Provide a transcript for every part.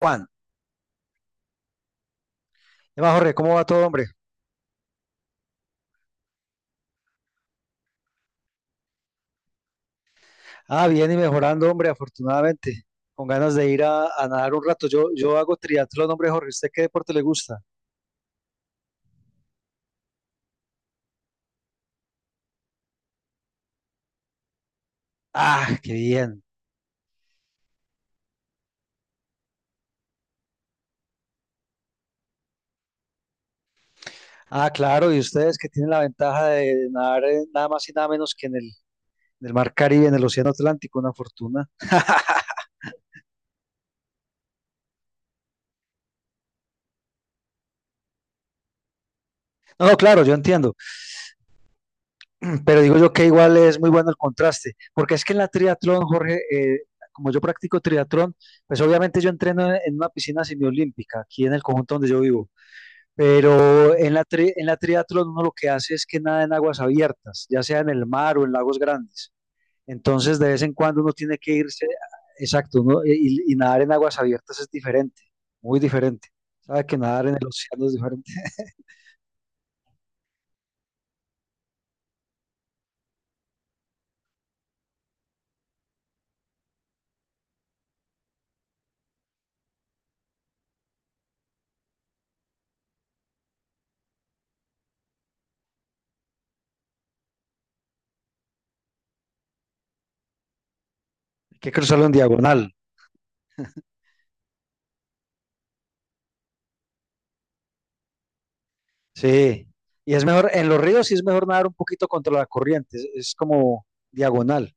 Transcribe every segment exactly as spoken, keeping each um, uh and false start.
Juan. ¿Qué más, Jorge? ¿Cómo va todo, hombre? Ah, bien y mejorando, hombre, afortunadamente. Con ganas de ir a, a nadar un rato. Yo, yo hago triatlón, hombre, Jorge. ¿Usted qué deporte le gusta? Ah, qué bien. Ah, claro, y ustedes que tienen la ventaja de nadar eh, nada más y nada menos que en el, en el mar Caribe, en el Océano Atlántico, una fortuna. No, no, claro, yo entiendo. Pero digo yo que igual es muy bueno el contraste, porque es que en la triatlón, Jorge, eh, como yo practico triatlón, pues obviamente yo entreno en en una piscina semiolímpica, aquí en el conjunto donde yo vivo. Pero en la, tri- en la triatlón uno lo que hace es que nada en aguas abiertas, ya sea en el mar o en lagos grandes. Entonces de vez en cuando uno tiene que irse, exacto, uno- eh, y, y nadar en aguas abiertas es diferente, muy diferente. Sabe que nadar en el océano es diferente. Hay que cruzarlo en diagonal, sí. Y es mejor, en los ríos sí es mejor nadar un poquito contra la corriente, es, es como diagonal.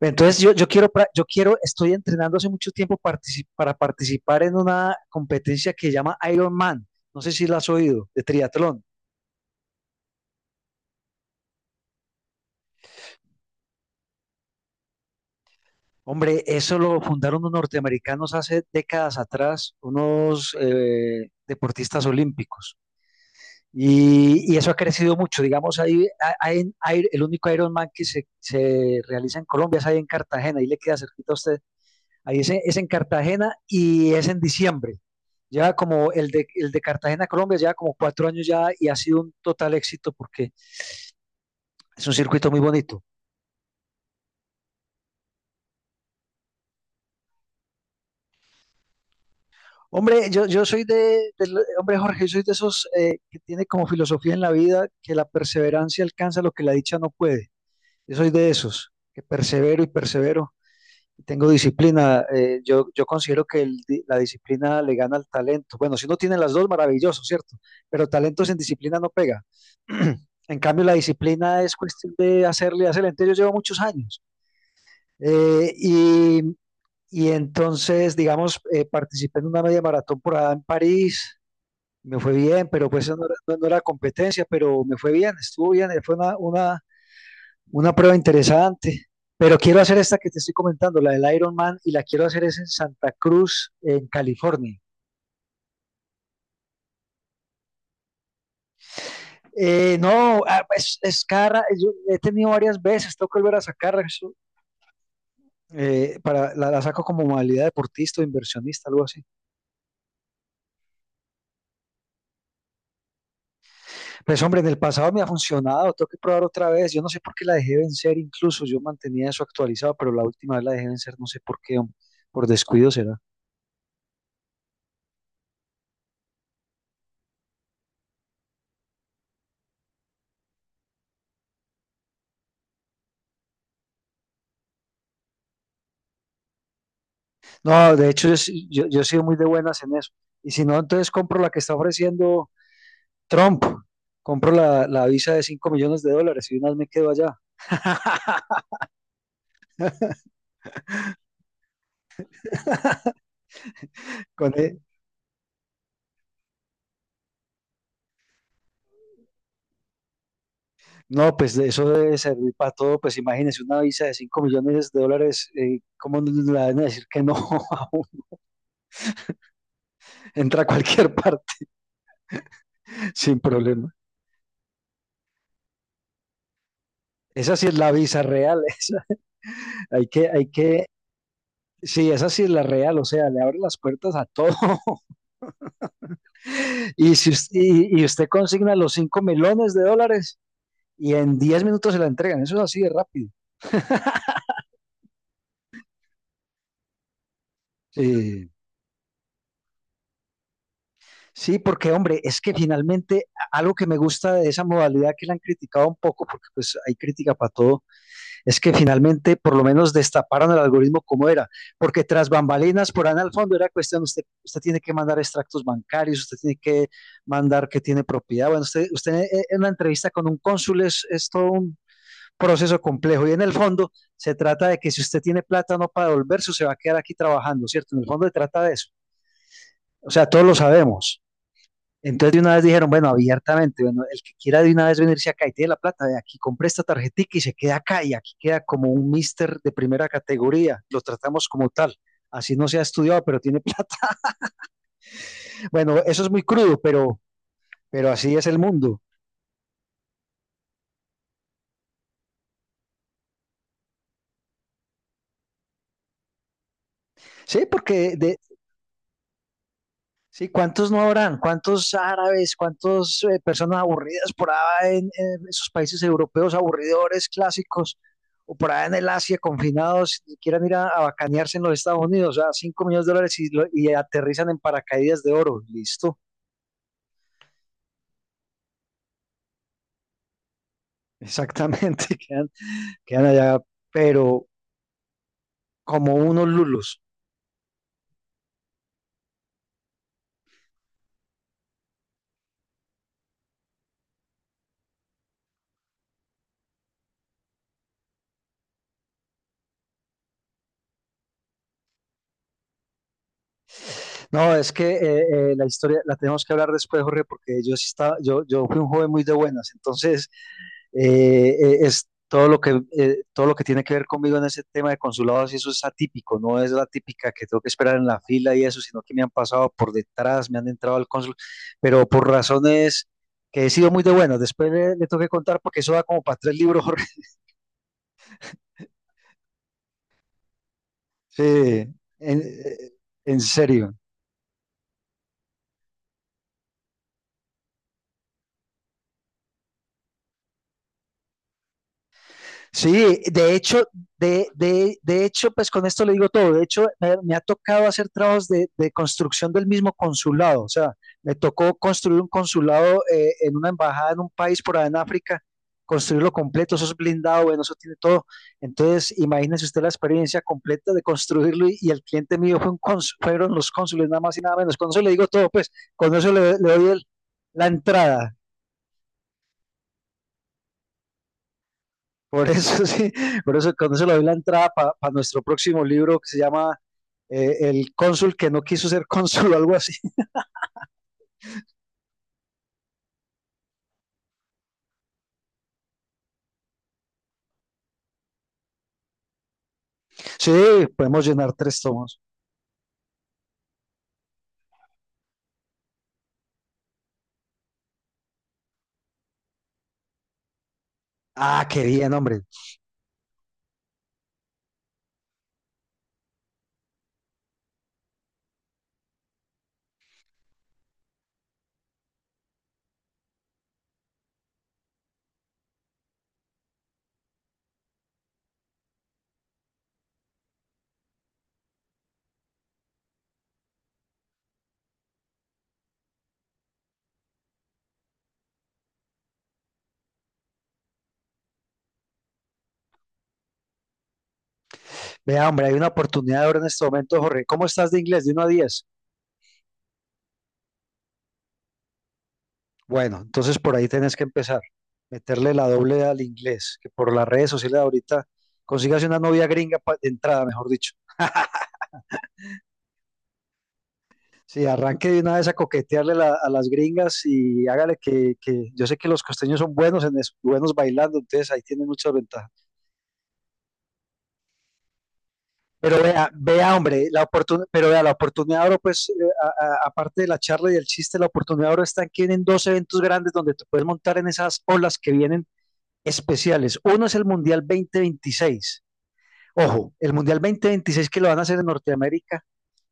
Entonces yo, yo quiero, pra- yo quiero, estoy entrenando hace mucho tiempo partici- para participar en una competencia que se llama Ironman. No sé si la has oído, de triatlón. Hombre, eso lo fundaron los norteamericanos hace décadas atrás, unos eh, deportistas olímpicos. Y, y eso ha crecido mucho. Digamos, ahí a- hay, en- hay- el único Ironman que se, se realiza en Colombia es ahí en Cartagena, ahí le queda cerquita a usted. Ahí es, en- es en Cartagena y es en diciembre. Ya como el de, el de Cartagena, Colombia, ya como cuatro años ya y ha sido un total éxito porque es un circuito muy bonito. Hombre, yo, yo soy de, del- hombre Jorge, yo soy de esos eh, que tiene como filosofía en la vida que la perseverancia alcanza lo que la dicha no puede. Yo soy de esos, que persevero y persevero. Tengo disciplina. eh, yo, yo considero que el di- la disciplina le gana al talento. Bueno, si uno tiene las dos, maravilloso, ¿cierto? Pero talento sin disciplina no pega. En cambio, la disciplina es cuestión de hacerle, hacerle. Entonces, yo llevo muchos años. Eh, y, y entonces, digamos, eh, participé en una media maratón por allá en París. Me fue bien, pero pues eso no era, no- no era competencia, pero me fue bien, estuvo bien. eh, Fue una, una, una prueba interesante, pero quiero hacer esta que te estoy comentando, la del Ironman, y la quiero hacer es en Santa Cruz, en California. Eh, no, ah, es, es cara, yo he tenido varias veces, tengo que volver a sacarla, eso, eh, para, la, la saco como modalidad deportista o inversionista, algo así. Pues hombre, en el pasado me ha funcionado, tengo que probar otra vez, yo no sé por qué la dejé vencer, incluso yo mantenía eso actualizado, pero la última vez la dejé vencer, no sé por qué, hombre, por descuido será. No, de hecho, yo, sí- yo, yo he sido muy de buenas en eso. Y si no, entonces compro la que está ofreciendo Trump. Compro la, la visa de cinco millones de dólares y unas me quedo allá. Con e- No, pues de eso debe servir para todo. Pues imagínese una visa de cinco millones de dólares, eh, ¿cómo no le van a decir que no a uno? Entra a cualquier parte sin problema. Esa sí es la visa real. Esa. Hay que, hay que, sí, esa sí es la real. O sea, le abre las puertas a todo. Y, si us- y, y usted consigna los cinco millones de dólares y en diez minutos se la entregan. Eso es así de rápido. Eh, sí, porque hombre, es que finalmente a- algo que me gusta de esa modalidad que la han criticado un poco, porque pues hay crítica para todo, es que finalmente por lo menos destaparon el algoritmo como era, porque tras bambalinas por ahí al fondo era cuestión, usted, usted tiene que mandar extractos bancarios, usted tiene que mandar que tiene propiedad. Bueno, usted, usted eh, en una entrevista con un cónsul es, es todo un proceso complejo. Y en el fondo se trata de que si usted tiene plata no para devolverse, se va a quedar aquí trabajando, ¿cierto? En el fondo se trata de eso. O sea, todos lo sabemos. Entonces de una vez dijeron, bueno, abiertamente, bueno, el que quiera de una vez venirse acá y tiene la plata, de aquí compre esta tarjetica y se queda acá y aquí queda como un mister de primera categoría, lo tratamos como tal, así no se ha estudiado, pero tiene plata. Bueno, eso es muy crudo, pero, pero así es el mundo. Sí, porque de, Sí, ¿cuántos no habrán? ¿Cuántos árabes? ¿Cuántas personas aburridas por allá en, en esos países europeos aburridores, clásicos? O por allá en el Asia, confinados, y quieran ir a, a bacanearse en los Estados Unidos, a cinco millones de dólares y, lo- y aterrizan en paracaídas de oro. Listo, exactamente, quedan, quedan allá, pero como unos lulos. No, es que eh, eh, la historia la tenemos que hablar después, Jorge, porque yo sí estaba, yo, yo fui un joven muy de buenas, entonces eh, eh, es todo lo que, eh, todo lo que tiene que ver conmigo en ese tema de consulados y eso es atípico, no es la típica que tengo que esperar en la fila y eso, sino que me han pasado por detrás, me han entrado al cónsul, pero por razones que he sido muy de buenas. Después le, le tengo que contar porque eso da como para tres libros, Jorge. Sí, en, eh, en serio. Sí, de hecho, de, de, de hecho, pues con esto le digo todo. De hecho, me, me ha tocado hacer trabajos de, de construcción del mismo consulado. O sea, me tocó construir un consulado eh, en una embajada en un país por allá en África, construirlo completo. Eso es blindado, bueno, eso tiene todo. Entonces, imagínese usted la experiencia completa de construirlo y, y el cliente mío fue un cons- fueron los cónsules, nada más y nada menos. Con eso le digo todo, pues, con eso le, le doy el- la entrada. Por eso sí, por eso con eso le doy la entrada para nuestro próximo libro que se llama eh, El cónsul que no quiso ser cónsul o algo así. Sí, podemos llenar tres tomos. Ah, qué bien, hombre. Vea, hombre, hay una oportunidad ahora en este momento, Jorge. ¿Cómo estás de inglés? De uno a diez. Bueno, entonces por ahí tenés que empezar. Meterle la doble al inglés, que por las redes sociales ahorita consigas una novia gringa pa- de entrada, mejor dicho. Sí, arranque de una vez a coquetearle la- a las gringas y hágale que, que yo sé que los costeños son buenos en eso, buenos bailando, entonces ahí tienen muchas ventajas. Pero vea, vea, hombre, la oportunidad, pero vea, la oportunidad ahora, pues, eh, a- a- aparte de la charla y el chiste, la oportunidad ahora está en que vienen dos eventos grandes donde te puedes montar en esas olas que vienen especiales. Uno es el Mundial dos mil veintiséis. Ojo, el Mundial dos mil veintiséis que lo van a hacer en Norteamérica,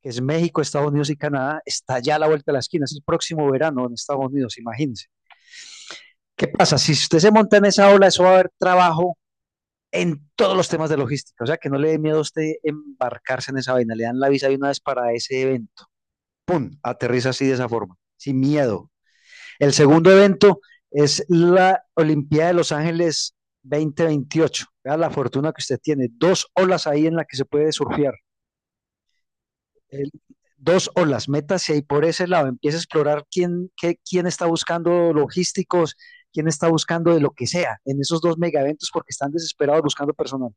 que es México, Estados Unidos y Canadá, está ya a la vuelta de la esquina, es el próximo verano en Estados Unidos, imagínense. ¿Qué pasa? Si usted se monta en esa ola, eso va a haber trabajo en todos los temas de logística. O sea, que no le dé miedo a usted embarcarse en esa vaina. Le dan la visa de una vez para ese evento. ¡Pum! Aterriza así de esa forma, sin miedo. El segundo evento es la Olimpiada de Los Ángeles dos mil veintiocho. Vea la fortuna que usted tiene. Dos olas ahí en las que se puede surfear. el- Dos o las metas y ahí por ese lado empieza a explorar quién, qué- quién está buscando logísticos, quién está buscando de lo que sea en esos dos mega eventos porque están desesperados buscando personal.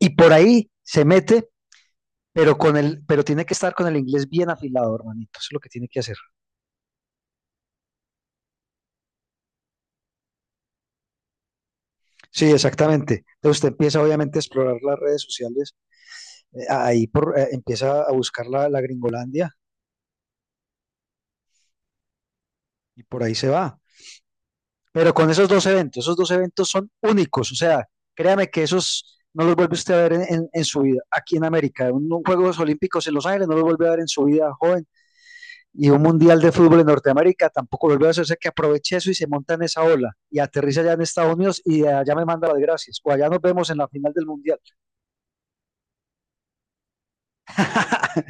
Y por ahí se mete, pero con el, pero tiene que estar con el inglés bien afilado, hermanito. Eso es lo que tiene que hacer. Sí, exactamente. Entonces usted empieza obviamente a explorar las redes sociales, eh, ahí por, eh, empieza a buscar la, la Gringolandia y por ahí se va. Pero con esos dos eventos, esos dos eventos son únicos, o sea, créame que esos no los vuelve usted a ver en, en- en su vida aquí en América. Un, un Juegos Olímpicos en Los Ángeles no los vuelve a ver en su vida joven y un Mundial de Fútbol en Norteamérica tampoco lo vuelve a hacer, o sea, que aproveche eso y se monta en esa ola y aterriza allá en Estados Unidos y de allá me manda las gracias o allá nos vemos en la final del Mundial.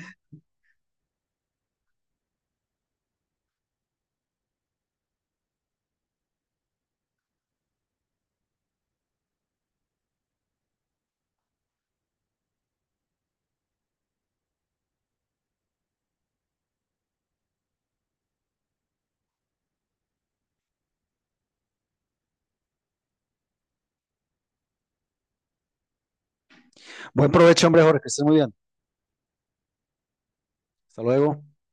Buen provecho, hombre, Jorge, que estés muy bien. Hasta luego.